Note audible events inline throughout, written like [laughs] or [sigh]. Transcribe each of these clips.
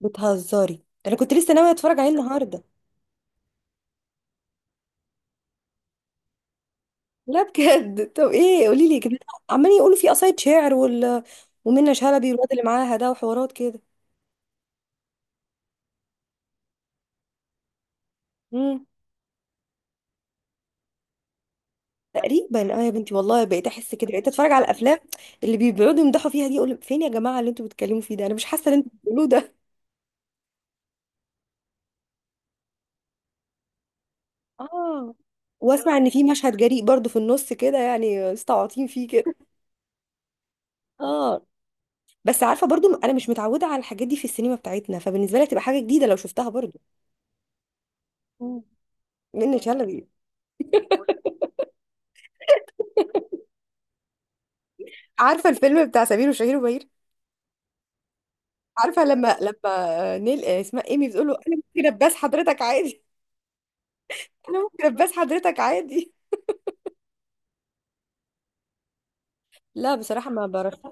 بتهزري؟ انا كنت لسه ناويه اتفرج عليه النهارده. لا بجد، طب ايه؟ قولي لي كده. عمالين يقولوا فيه قصايد شعر وال، ومنة شلبي والواد اللي معاها ده وحوارات كده. امم تقريبا اه يا بنتي، والله بقيت احس كده، بقيت اتفرج على الافلام اللي بيقعدوا يمدحوا فيها دي اقول فين يا جماعه اللي انتوا بتتكلموا فيه ده؟ انا مش حاسه اللي انتوا بتقولوه ده. اه، واسمع ان في مشهد جريء برضو في النص كده، يعني مستعطين فيه كده. اه بس عارفه برضو انا مش متعوده على الحاجات دي في السينما بتاعتنا، فبالنسبه لي تبقى حاجه جديده لو شفتها برضو. مم. منة شلبي. عارفه الفيلم بتاع سمير وشهير وبهير؟ عارفه لما نيل اسمها ايمي بتقول له انا ممكن اباس حضرتك عادي؟ [laughs] انا ممكن اباس حضرتك عادي. لا بصراحه ما برشحش.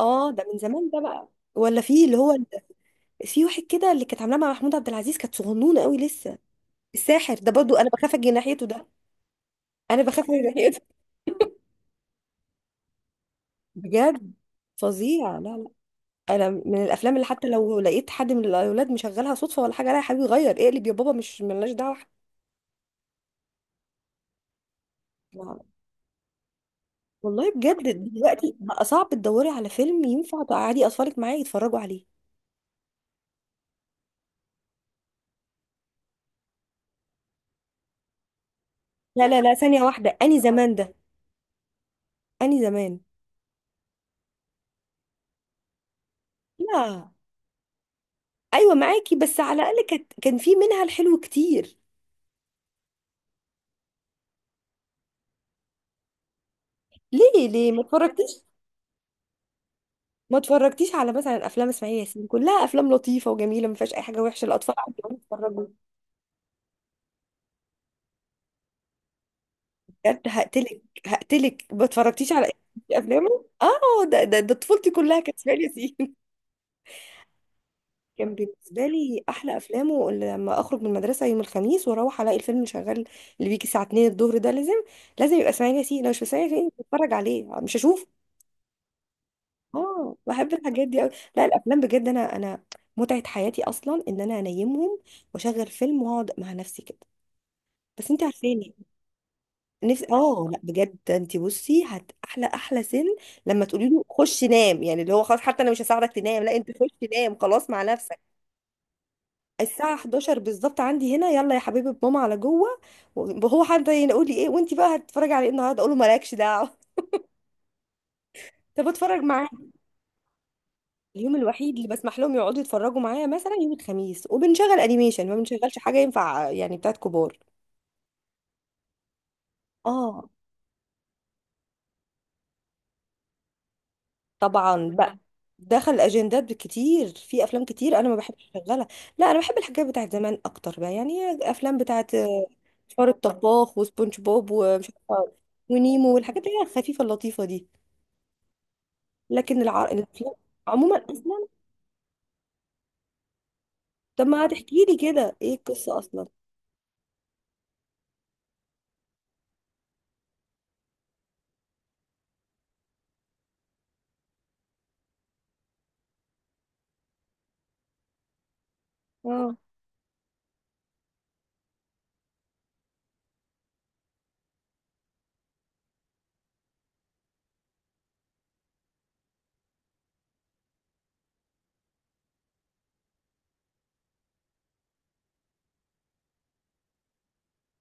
اه ده من زمان ده بقى. ولا في اللي هو، في واحد كده اللي كانت عاملاه مع محمود عبد العزيز كانت صغنونه قوي لسه. الساحر ده برضو انا بخاف اجي ناحيته ده. انا بخاف اجي ناحيته. [laughs] بجد فظيع، لا لا. انا من الافلام اللي حتى لو لقيت حد من الاولاد مشغلها صدفه ولا حاجه، لا يا حبيبي غير اقلب يا بابا، مش ملناش دعوه. والله بجد دلوقتي بقى صعب تدوري على فيلم ينفع تقعدي اطفالك معايا يتفرجوا عليه. لا لا لا، ثانية واحدة، اني زمان ده؟ اني زمان؟ لا. ايوه معاكي بس على الاقل كانت كان في منها الحلو كتير. ليه ليه ما اتفرجتيش على مثلا افلام اسماعيل ياسين؟ كلها افلام لطيفه وجميله، ما فيهاش اي حاجه وحشه، الاطفال عندهم يتفرجوا. بجد هقتلك، هقتلك، ما اتفرجتيش على افلامه؟ اه ده طفولتي كلها كانت اسماعيل ياسين. كان بالنسبة لي أحلى أفلامه اللي لما أخرج من المدرسة يوم الخميس وأروح ألاقي الفيلم اللي شغال، اللي بيجي الساعة 2 الظهر ده، لازم لازم يبقى اسماعيل ياسين، لو مش اسماعيل ياسين مش بتفرج عليه، مش هشوفه. اه بحب الحاجات دي أوي. لا، الأفلام بجد، أنا متعة حياتي أصلا إن أنا أنيمهم وأشغل فيلم وأقعد مع نفسي كده، بس أنت عارفاني. نفسي اه، لا بجد أنت بصي، هت أحلى أحلى سن لما تقولي له خش نام، يعني اللي هو خلاص، حتى أنا مش هساعدك تنام، لا أنت خش نام خلاص مع نفسك. الساعة 11 بالظبط عندي هنا، يلا يا حبيبي ماما على جوه. وهو حد يقول لي ايه وانت بقى هتتفرجي على ايه النهارده؟ اقول له مالكش دعوة. [laughs] طب اتفرج معاه. اليوم الوحيد اللي بسمح لهم يقعدوا يتفرجوا معايا مثلا يوم الخميس، وبنشغل انيميشن، ما بنشغلش حاجة ينفع يعني بتاعت كبار. اه طبعا بقى، دخل اجندات كتير في افلام كتير انا ما بحبش اشغلها. لا انا بحب الحاجات بتاعت زمان اكتر بقى يعني، افلام بتاعت فار الطباخ وسبونج بوب ومش عارفة، ونيمو، والحاجات اللي هي الخفيفة اللطيفة دي. لكن الافلام عموما اصلا، طب ما هتحكي لي كده ايه القصه اصلا. اه.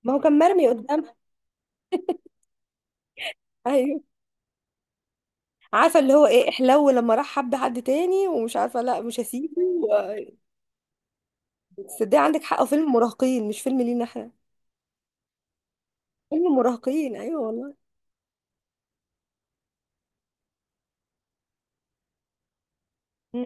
ما هو كان مرمي قدامها. ايوه. عارفه اللي هو ايه احلو، لما راح حب حد تاني ومش عارفه لا مش هسيبه و-، بس ده عندك حق، فيلم مراهقين مش فيلم لينا احنا. فيلم مراهقين ايوه والله. مم.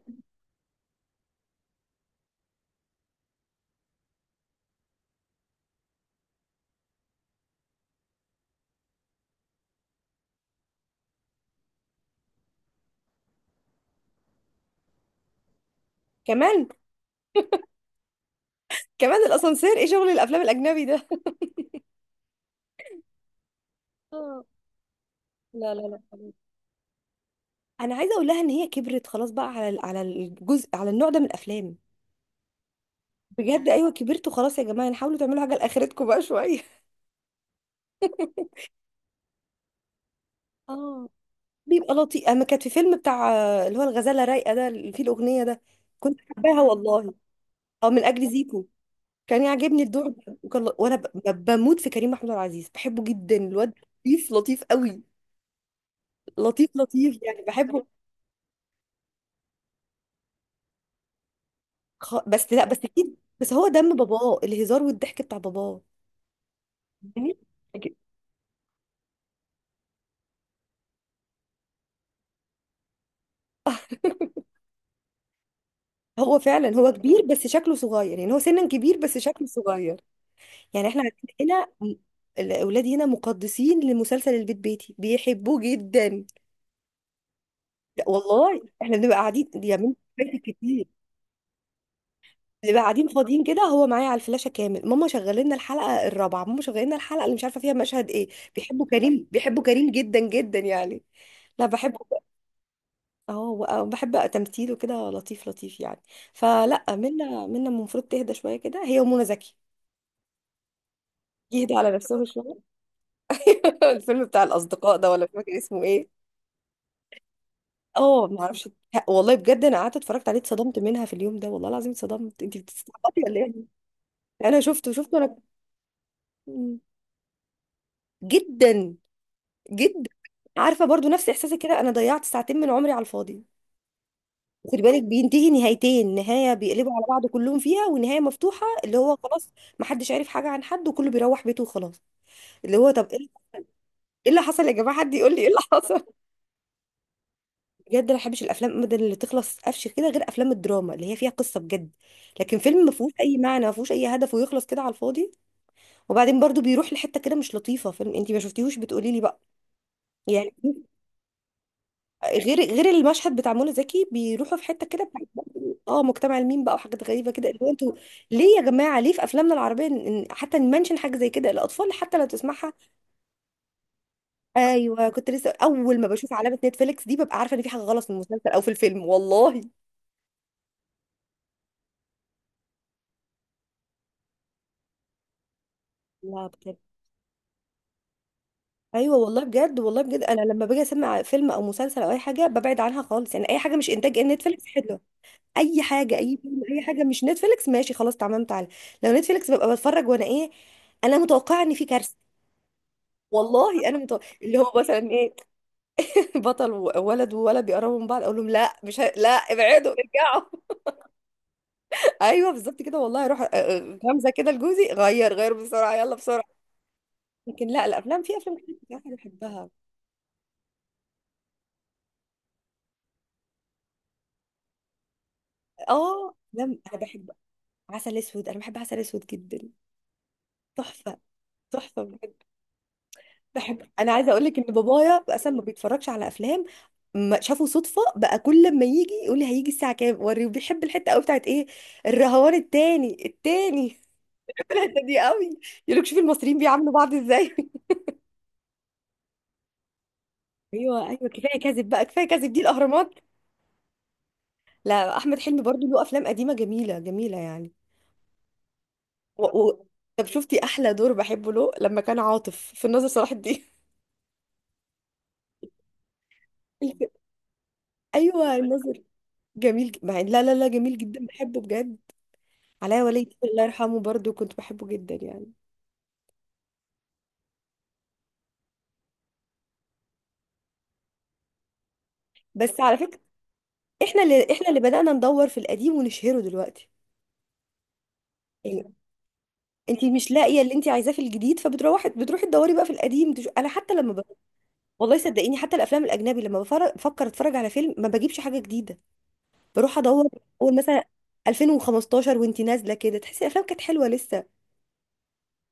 كمان. كمان الاسانسير، ايه شغل الافلام الاجنبي ده؟ آه. لا لا لا خلاص. انا عايزه اقول لها ان هي كبرت خلاص بقى على ال- على الجزء، على النوع ده من الافلام. بجد ايوه كبرتوا خلاص يا جماعه، يعني حاولوا تعملوا حاجه لاخرتكم بقى شويه. اه، بيبقى لطيف. اما كانت في فيلم بتاع اللي هو الغزاله رايقه ده، اللي فيه الاغنيه ده، كنت حباها والله. او من اجل زيكو كان يعجبني الدور ده، وكان وانا بموت في كريم محمود عبد العزيز، بحبه جدا الواد. لطيف لطيف قوي. لطيف لطيف يعني بحبه. بس لا، بس اكيد بس هو دم باباه، الهزار والضحك بتاع باباه يعني. [laughs] هو فعلا هو كبير بس شكله صغير، يعني هو سنا كبير بس شكله صغير يعني. احنا عندنا هنا م-، الاولاد هنا مقدسين لمسلسل البيت بيتي، بيحبوه جدا. لا والله، احنا بنبقى قاعدين دي يا بنتي فايتك كتير. بنبقى قاعدين فاضيين كده هو معايا على الفلاشه كامل، ماما شغلنا لنا الحلقه الرابعه، ماما شغلنا لنا الحلقه اللي مش عارفه فيها مشهد ايه. بيحبوا كريم، بيحبوا كريم جدا جدا يعني. لا بحبه. اه بحب تمثيله كده، لطيف لطيف يعني. فلا منا المفروض تهدى شويه كده هي ومنى زكي. يهدى على نفسهم شويه. [laughs] الفيلم بتاع الاصدقاء ده، ولا مش فاكر اسمه ايه. اه ما اعرفش. والله بجد انا قعدت اتفرجت عليه اتصدمت منها في اليوم ده، والله العظيم اتصدمت، انت بتستعبطي ولا ايه؟ انا شفته شفته انا. مم. جدا، جدا. عارفه برضو نفس احساسي كده، انا ضيعت ساعتين من عمري على الفاضي. خد بالك بينتهي نهايتين، نهايه بيقلبوا على بعض كلهم فيها، ونهايه مفتوحه اللي هو خلاص محدش عارف حاجه عن حد، وكله بيروح بيته وخلاص. اللي هو طب ايه إيه اللي حصل يا جماعه؟ حد يقول لي ايه اللي حصل؟ بجد انا ما بحبش الافلام ابدا اللي تخلص قفش كده، غير افلام الدراما اللي هي فيها قصه بجد. لكن فيلم ما فيهوش اي معنى، ما فيهوش اي هدف، ويخلص كده على الفاضي وبعدين برضو بيروح لحته كده مش لطيفه. فيلم انت ما شفتيهوش بتقولي لي بقى يعني؟ غير المشهد بتاع منى زكي، بيروحوا في حته كده بتاعت اه مجتمع الميم بقى، وحاجات غريبه كده اللي هو انتوا ليه يا جماعه؟ ليه في افلامنا العربيه حتى نمنشن حاجه زي كده؟ الاطفال حتى لو تسمعها. ايوه كنت لسه اول ما بشوف علامه نتفليكس دي ببقى عارفه ان في حاجه غلط في المسلسل او في الفيلم والله. لا بجد. ايوه والله بجد، والله بجد انا لما باجي اسمع فيلم او مسلسل او اي حاجه ببعد عنها خالص، يعني اي حاجه مش انتاج نتفليكس حلوه. اي حاجه، اي فيلم، اي حاجه مش نتفليكس، ماشي خلاص تمام تعالى. لو نتفليكس ببقى بتفرج وانا ايه، انا متوقعه ان في كارثه. والله انا متو...، اللي هو مثلا ايه، [laughs] بطل وولد وولد بيقربوا من بعض اقول لهم لا مش لا ابعدوا ارجعوا. [laughs] ايوه بالظبط كده والله، اروح غمزه كده لجوزي، غير بسرعه يلا بسرعه. لكن لا الافلام في افلام كتير بصراحه انا بحبها. اه افلام انا بحب عسل اسود، انا بحب عسل اسود جدا. تحفه. تحفه بحب. بحب. انا عايزه اقول لك ان بابايا اصلا ما بيتفرجش على افلام، ما شافه صدفه بقى كل ما يجي يقول لي هيجي الساعه كام وريه، بيحب الحته قوي بتاعت ايه، الرهوان التاني التاني. الحتة دي قوي. يقول لك شوفي المصريين بيعاملوا بعض ازاي. [laughs] ايوه ايوه كفايه كذب بقى كفايه كذب، دي الاهرامات. لا، احمد حلمي برضو له افلام قديمه جميله جميله يعني، و... و... طب شفتي احلى دور بحبه له لما كان عاطف في الناظر صلاح الدين؟ [laughs] الف- ايوه الناظر. جميل لا لا لا، جميل جدا بحبه بجد. علاء ولي الدين الله يرحمه برضو كنت بحبه جدا يعني. بس على فكره، احنا اللي بدأنا ندور في القديم ونشهره دلوقتي يعني. انت مش لاقيه اللي انت عايزاه في الجديد فبتروحي، بتروحي تدوري بقى في القديم انا حتى لما، والله صدقيني حتى الافلام الاجنبي لما بفكر اتفرج على فيلم ما بجيبش حاجه جديده، بروح ادور اول مثلا 2015 وانت نازله كده، تحسي الافلام كانت حلوه لسه.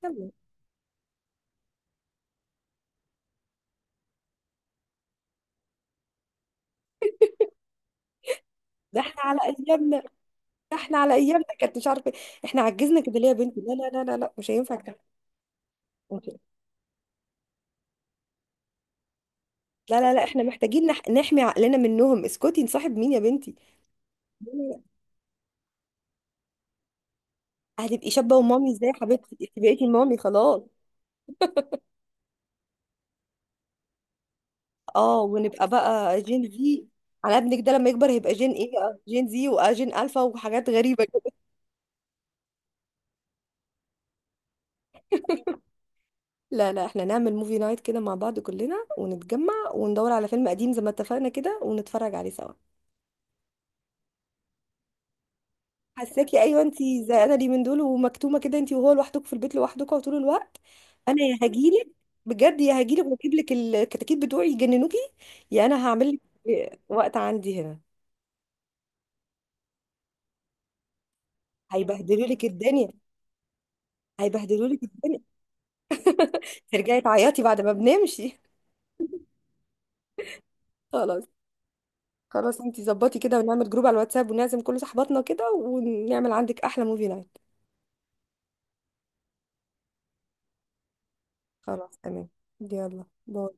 يلا، ده احنا على ايامنا، ده احنا على ايامنا كانت مش عارفه إيه. احنا عجزنا كده ليه يا بنتي؟ لا لا لا لا لا مش هينفع كده. مش- لا لا لا احنا محتاجين نح... نحمي عقلنا منهم، اسكتي نصاحب مين يا بنتي. لا، لا، لا. هتبقي شابه ومامي ازاي يا حبيبتي؟ انت بقيتي مامي خلاص. اه ونبقى بقى جين زي، على ابنك ده لما يكبر هيبقى جين ايه بقى، جين زي وجين الفا وحاجات غريبه. لا لا، احنا نعمل موفي نايت كده مع بعض كلنا ونتجمع وندور على فيلم قديم زي ما اتفقنا كده ونتفرج عليه سوا. حساكي ايوه انتي زهقانه لي من دول ومكتومه كده انتي وهو لوحدك في البيت لوحدكوا طول الوقت. انا يا هجيلك، بجد يا هجيلك واجيب لك الكتاكيت بتوعي يجننوكي. يا انا هعمل لك وقت عندي هنا. هيبهدلوا لك الدنيا، هيبهدلوا لك الدنيا، ترجعي تعيطي بعد ما بنمشي. خلاص، خلاص انتي ظبطي كده ونعمل جروب على الواتساب ونعزم كل صحباتنا كده ونعمل عندك احلى موفي نايت. خلاص تمام. يلا باي.